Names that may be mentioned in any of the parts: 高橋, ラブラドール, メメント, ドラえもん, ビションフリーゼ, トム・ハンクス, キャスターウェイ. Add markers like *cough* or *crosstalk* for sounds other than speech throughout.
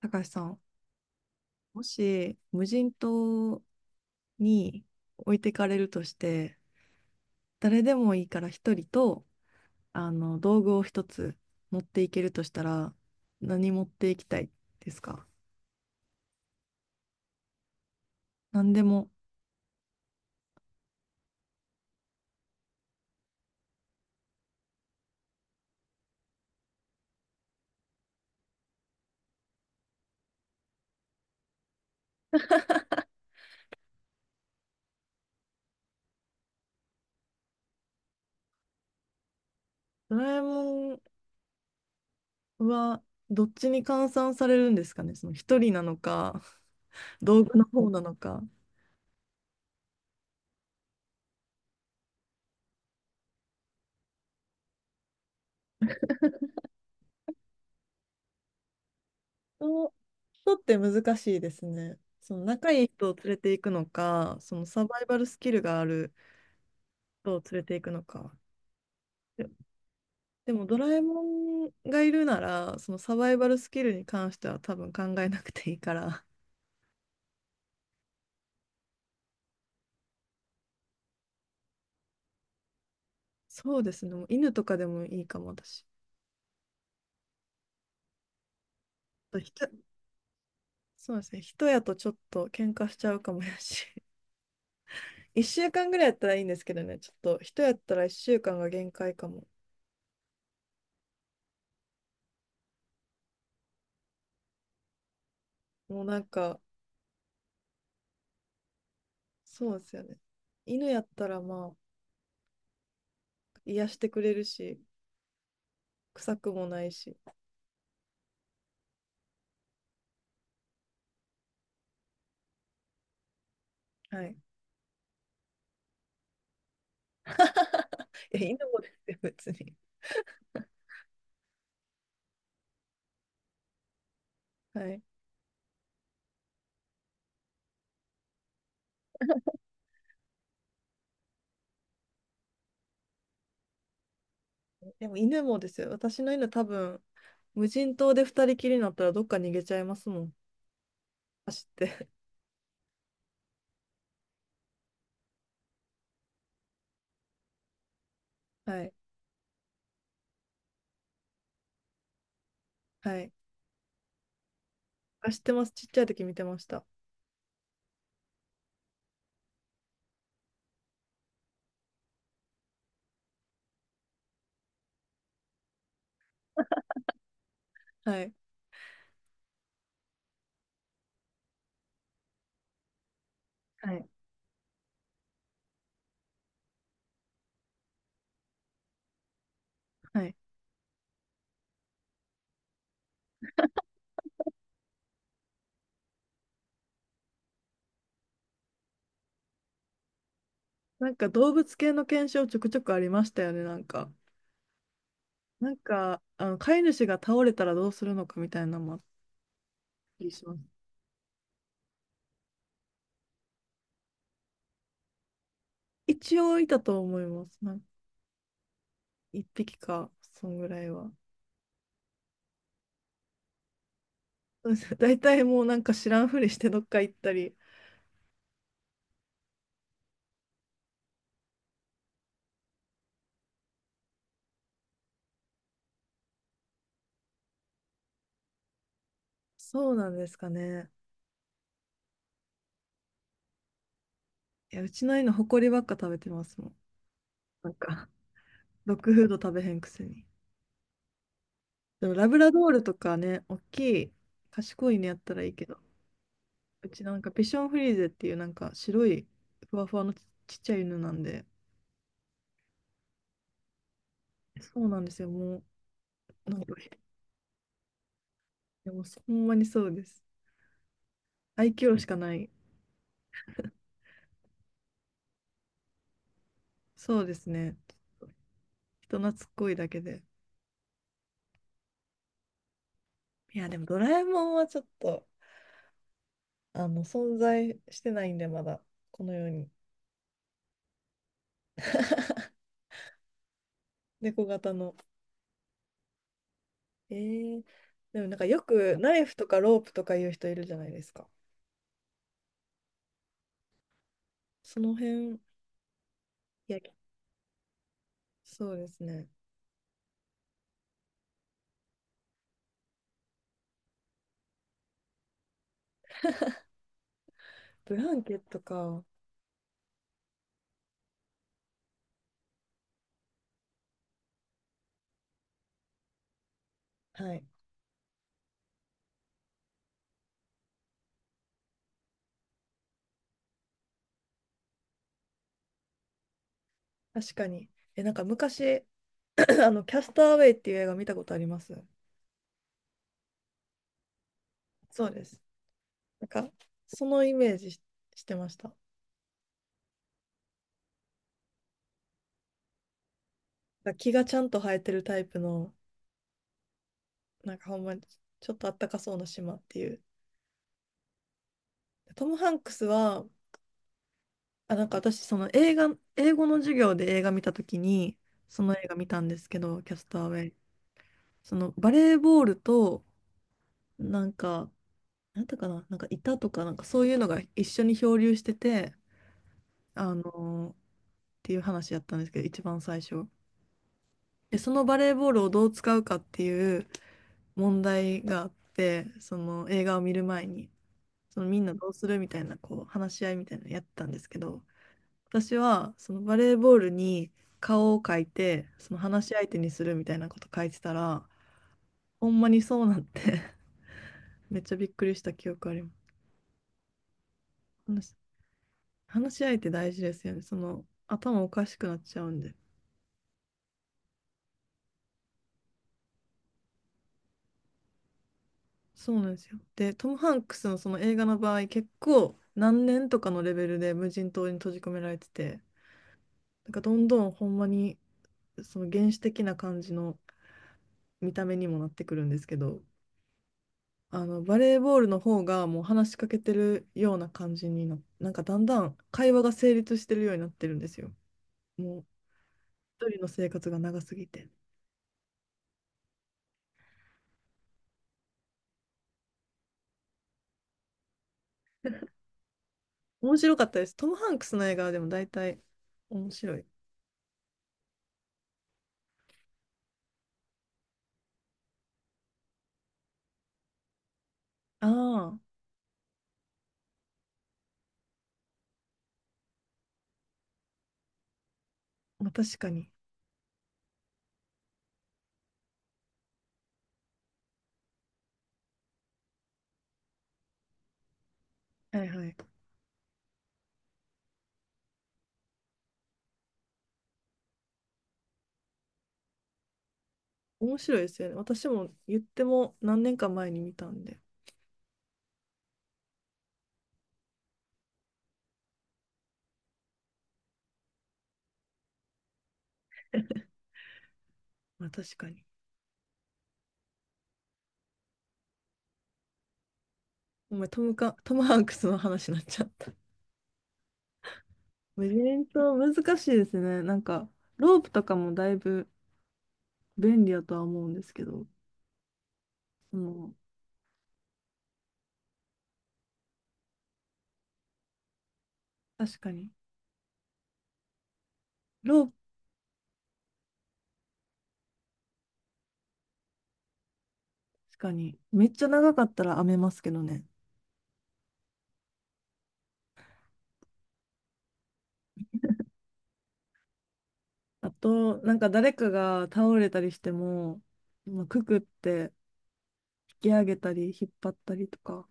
高橋さん、もし無人島に置いてかれるとして、誰でもいいから一人と、道具を一つ持っていけるとしたら、何持っていきたいですか？何でも。ドラえもんはどっちに換算されるんですかね、その一人なのか、道具の方なのか。人人って難しいですね。その仲いい人を連れていくのか、そのサバイバルスキルがある人を連れていくのか。ででもドラえもんがいるなら、そのサバイバルスキルに関しては多分考えなくていいから。*laughs* そうですね、もう犬とかでもいいかも、私。あと人、そうですね、人やとちょっと喧嘩しちゃうかもやし。*laughs* 1週間ぐらいやったらいいんですけどね、ちょっと人やったら1週間が限界かも。もうなんか、そうですよね。犬やったらまあ、癒してくれるし、臭くもないし。はい。いや、犬もですよ、別に。はい。でも犬もですよ、私の犬多分、無人島で二人きりになったらどっか逃げちゃいますもん。走って。*laughs* はい。はい。知ってます。ちっちゃい時見てました。はい。はい。はい。なんか動物系の検証ちょくちょくありましたよね、なんか。なんか、飼い主が倒れたらどうするのかみたいなのもあったりします。一応いたと思います。なんか一匹か、そんぐらいは。*laughs* そうです。大体もうなんか知らんふりしてどっか行ったり。そうなんですかね。いや、うちの犬、ほこりばっか食べてますもん。なんか、ドッグフード食べへんくせに。でもラブラドールとかね、大きい、賢いねやったらいいけど、うちなんかピションフリーゼっていうなんか白いふわふわのちっちゃい犬なんで、そうなんですよ、もう、なんか、でもほんまにそうです。愛嬌しかない。そうですね。人懐っこいだけで。いや、でもドラえもんはちょっと、存在してないんで、まだ、この世に。*laughs* 猫型の。えー、でもなんかよくナイフとかロープとかいう人いるじゃないですか。その辺、いや、そうですね。ブランケットか。はい。確かに。え、なんか昔、*clears throat* キャスターウェイっていう映画見たことありますそうです。なんか、そのイメージしてました。なんか木がちゃんと生えてるタイプの、なんかほんまにちょっとあったかそうな島っていう。トム・ハンクスは、あ、なんか私、その映画、英語の授業で映画見たときに、その映画見たんですけど、キャスターウェイ。そのバレーボールと、なんか、なんていうかな、なんかいたとか、なんかそういうのが一緒に漂流してて、あのっていう話やったんですけど、一番最初。で、そのバレーボールをどう使うかっていう問題があって、その映画を見る前に、そのみんなどうするみたいな、こう話し合いみたいなのやってたんですけど、私はそのバレーボールに顔を描いて、その話し相手にするみたいなこと書いてたら、ほんまにそうなって、 *laughs* めっちゃびっくりした記憶あります。話し合いって大事ですよね。その頭おかしくなっちゃうんで。そうなんですよ。で、トム・ハンクスのその映画の場合、結構何年とかのレベルで無人島に閉じ込められてて、なんかどんどんほんまにその原始的な感じの見た目にもなってくるんですけど、あのバレーボールの方がもう話しかけてるような感じになんかだんだん会話が成立してるようになってるんですよ。もう一人の生活が長すぎて。面白かったです。トム・ハンクスの映画はでも大体面白い。ああ、まあ、確かに。はいはい。面白いですよね。私も言っても何年か前に見たんで。まあ確かに。お前、トムハンクスの話になっちゃった。メメント難しいですね。なんか、ロープとかもだいぶ便利やとは思うんですけど、その、確かに。ロープ、確かに。めっちゃ長かったら編めますけどね。あと、なんか誰かが倒れたりしても、まあくくって引き上げたり引っ張ったりとか。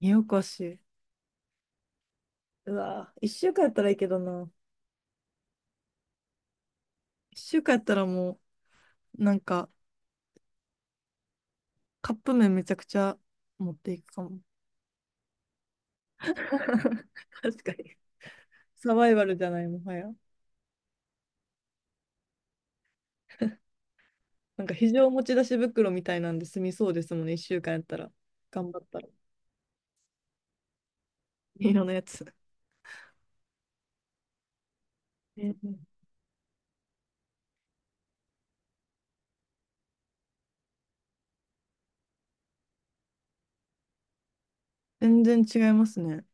よこしい。うわ、一週間やったらいいけどな。一週間やったらもう、なんか、カップ麺めちゃくちゃ持っていくかも。*laughs* 確かに。サバイバルじゃない、もはや。なんか非常持ち出し袋みたいなんで済みそうですもんね、一週間やったら。頑張ったら。色のやつ。うんうん、全然違いますね。